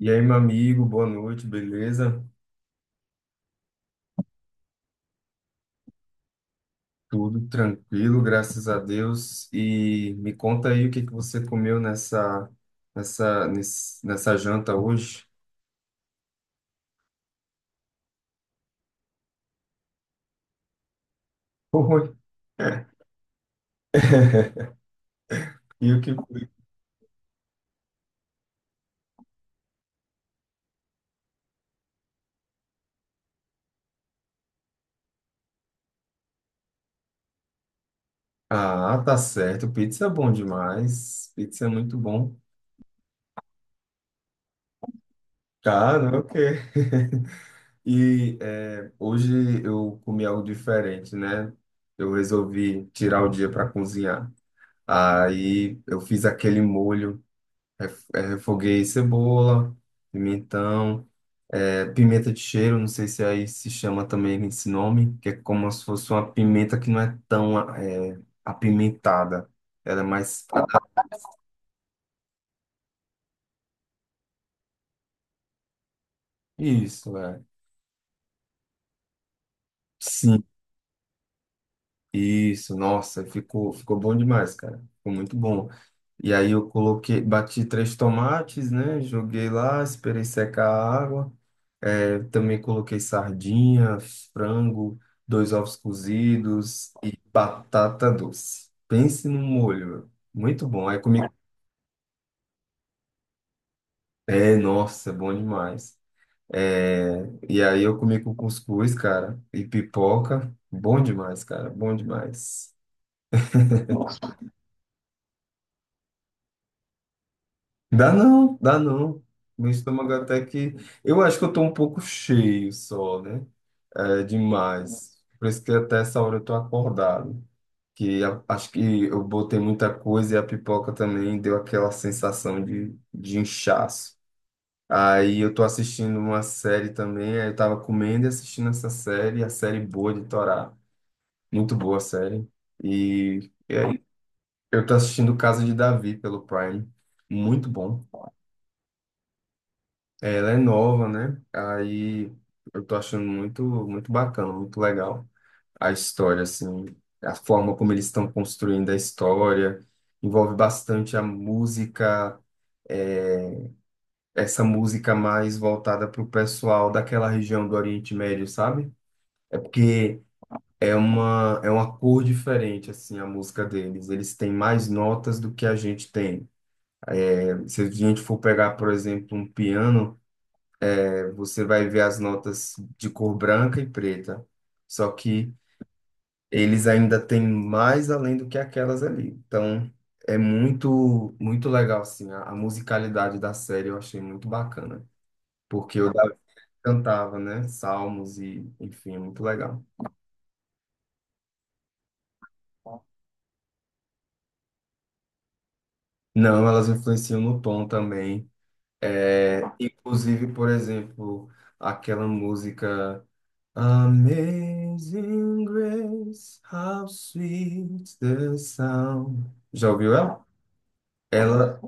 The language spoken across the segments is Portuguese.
E aí, meu amigo, boa noite, beleza? Tudo tranquilo, graças a Deus. E me conta aí o que que você comeu nessa janta hoje? Oi. E o que foi? Ah, tá certo. Pizza é bom demais. Pizza é muito bom. Cara, ok. E hoje eu comi algo diferente, né? Eu resolvi tirar o dia para cozinhar. Aí eu fiz aquele molho. Refoguei cebola, pimentão, pimenta de cheiro, não sei se aí se chama também esse nome, que é como se fosse uma pimenta que não é tão apimentada. Ela é mais. Isso, é. Sim, isso, nossa, ficou bom demais, cara. Ficou muito bom. E aí eu coloquei, bati três tomates, né? Joguei lá, esperei secar a água. Eu também coloquei sardinha, frango, dois ovos cozidos e batata doce. Pense num molho, meu. Muito bom. Aí comi. É, nossa, bom demais. É, e aí eu comi com cuscuz, cara, e pipoca. Bom demais, cara, bom demais. Dá não, dá não. Meu estômago até que. Eu acho que eu tô um pouco cheio só, né? É demais. Por isso que até essa hora eu tô acordado. Que a- acho que eu botei muita coisa e a pipoca também deu aquela sensação de inchaço. Aí eu tô assistindo uma série também, aí eu tava comendo e assistindo essa série, a série boa de Torá. Muito boa a série. E é, eu tô assistindo Casa de Davi pelo Prime. Muito bom. Ela é nova, né? Aí eu tô achando muito bacana, muito legal. A história, assim, a forma como eles estão construindo a história, envolve bastante a música, é, essa música mais voltada para o pessoal daquela região do Oriente Médio, sabe? É porque é é uma cor diferente, assim, a música deles. Eles têm mais notas do que a gente tem. É, se a gente for pegar, por exemplo, um piano, você vai ver as notas de cor branca e preta. Só que eles ainda têm mais além do que aquelas ali. Então, é muito legal, assim, a musicalidade da série eu achei muito bacana, porque o Davi cantava, né, salmos e, enfim, é muito legal. Não, elas influenciam no tom também, é, inclusive, por exemplo, aquela música Amazing Grace, how sweet the sound. Já ouviu ela? Ela,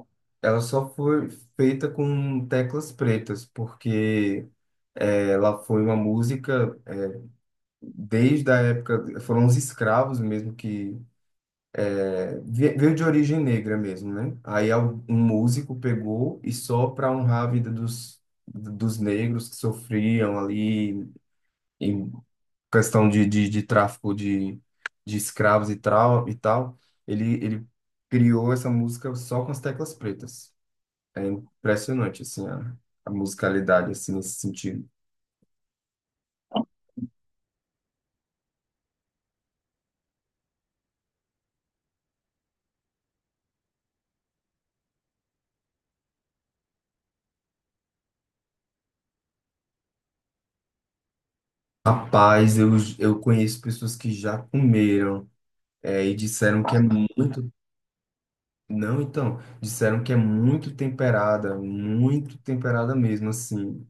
ela só foi feita com teclas pretas, porque ela foi uma música desde a época, foram os escravos mesmo que veio de origem negra mesmo, né? Aí al- um músico pegou e só para honrar a vida dos, dos negros que sofriam ali em questão de tráfico de escravos e tal, ele criou essa música só com as teclas pretas. É impressionante, assim, a musicalidade, assim, nesse sentido. Rapaz, eu conheço pessoas que já comeram, é, e disseram que é muito... Não, então, disseram que é muito temperada mesmo, assim,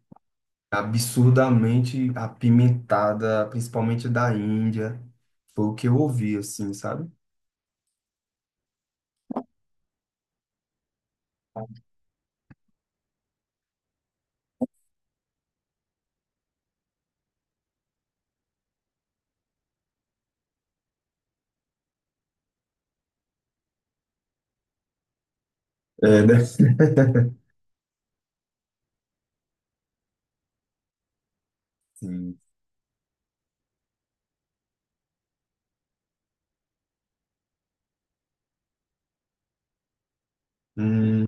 absurdamente apimentada, principalmente da Índia. Foi o que eu ouvi, assim, sabe? É, né? Sim. Hum.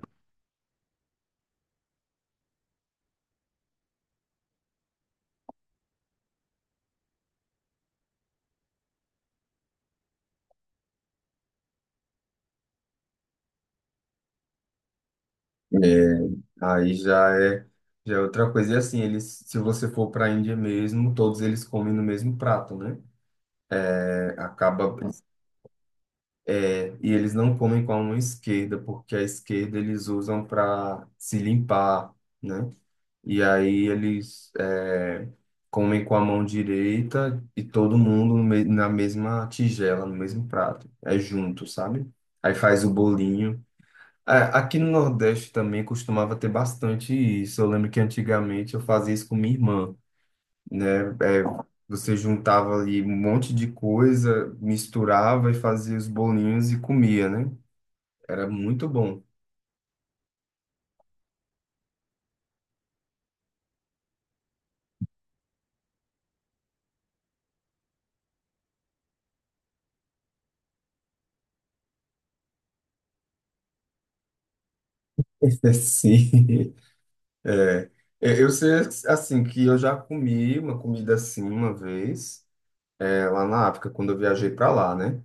É, aí já é outra coisa. E assim, eles, se você for para a Índia mesmo, todos eles comem no mesmo prato, né? É, acaba, é, e eles não comem com a mão esquerda, porque a esquerda eles usam para se limpar, né? E aí comem com a mão direita e todo mundo no me- na mesma tigela, no mesmo prato. É junto, sabe? Aí faz o bolinho. A- Aqui no Nordeste também costumava ter bastante isso. Eu lembro que antigamente eu fazia isso com minha irmã, né? É, você juntava ali um monte de coisa, misturava e fazia os bolinhos e comia, né? Era muito bom. Sim. É. É, eu sei, assim, que eu já comi uma comida assim uma vez, é, lá na África, quando eu viajei para lá, né?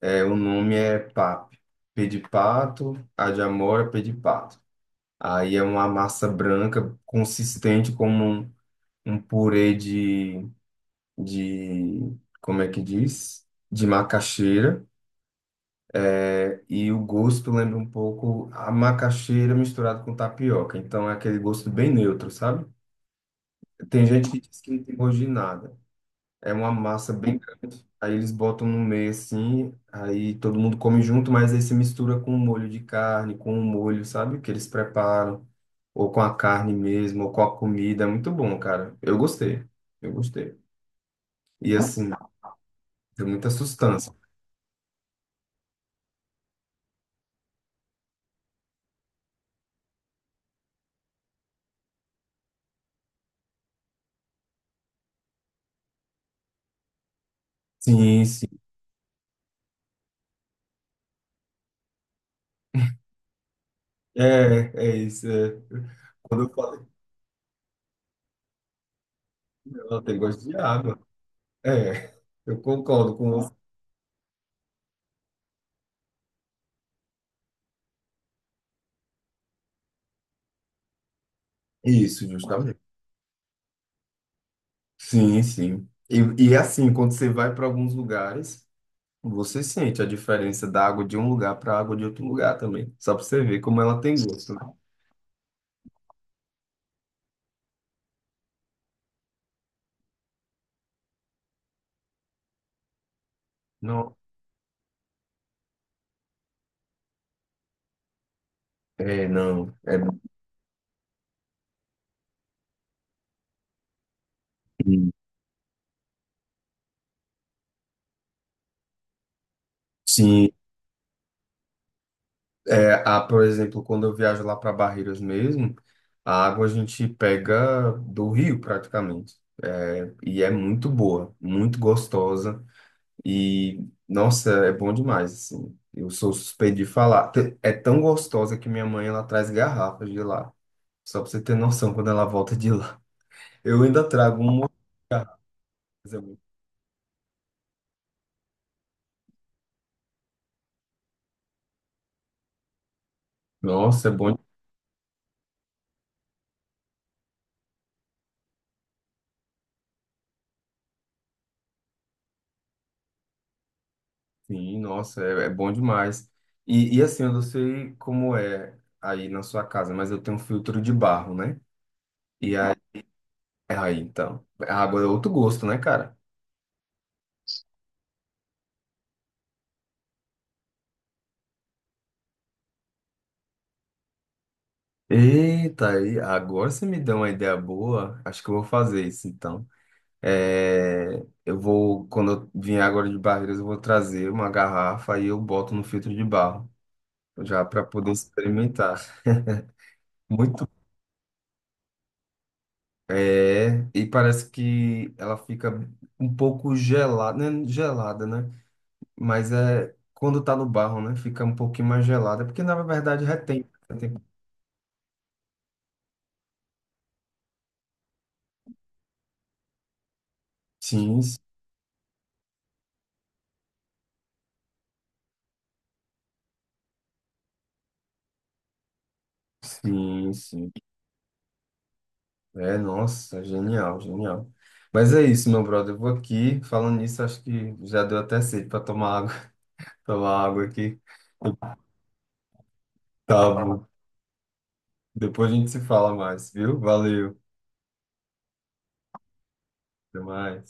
É, o nome é pap. Pé de pato, a de amora, pé de pato. Aí é uma massa branca consistente como um purê de, como é que diz? De macaxeira. É, e o gosto lembra um pouco a macaxeira misturada com tapioca. Então é aquele gosto bem neutro, sabe? Tem gente que diz que não tem gosto de nada. É uma massa bem. Aí eles botam no meio assim, aí todo mundo come junto, mas aí se mistura com o molho de carne, com o molho, sabe, que eles preparam, ou com a carne mesmo, ou com a comida. É muito bom, cara. Eu gostei. Eu gostei. E assim, tem muita sustância. Sim, sim. É, é isso. É. Quando eu falo que ela tem gosto de água, é, eu concordo com você. Isso, justamente. Sim, sim. E assim, quando você vai para alguns lugares. Você sente a diferença da água de um lugar para a água de outro lugar também. Só para você ver como ela tem gosto. Né? Não, é, não. É, sim. É, a, por exemplo, quando eu viajo lá para Barreiras mesmo, a água a gente pega do rio praticamente. É, e é muito boa, muito gostosa. E, nossa, é bom demais, assim. Eu sou suspeito de falar. Te- É tão gostosa que minha mãe, ela traz garrafas de lá. Só para você ter noção, quando ela volta de lá. Eu ainda trago um. Mas é bom. Nossa, é bom. Sim, nossa, é, é bom demais. E assim, eu não sei como é aí na sua casa, mas eu tenho um filtro de barro, né? E aí, então. A água é outro gosto, né, cara? Eita, aí, agora você me deu uma ideia boa. Acho que eu vou fazer isso, então. É, eu vou, quando eu vier agora de Barreiras, eu vou trazer uma garrafa e eu boto no filtro de barro, já para poder experimentar. Muito. É, e parece que ela fica um pouco gelada, né? Gelada, né? Mas é quando tá no barro, né? Fica um pouquinho mais gelada, porque na verdade retém. Retém. Sim, sim, sim. É, nossa, genial, genial. Mas é isso, meu brother. Eu vou aqui, falando nisso, acho que já deu até sede para tomar água, tomar água aqui. Tá bom. Depois a gente se fala mais, viu? Valeu, até mais.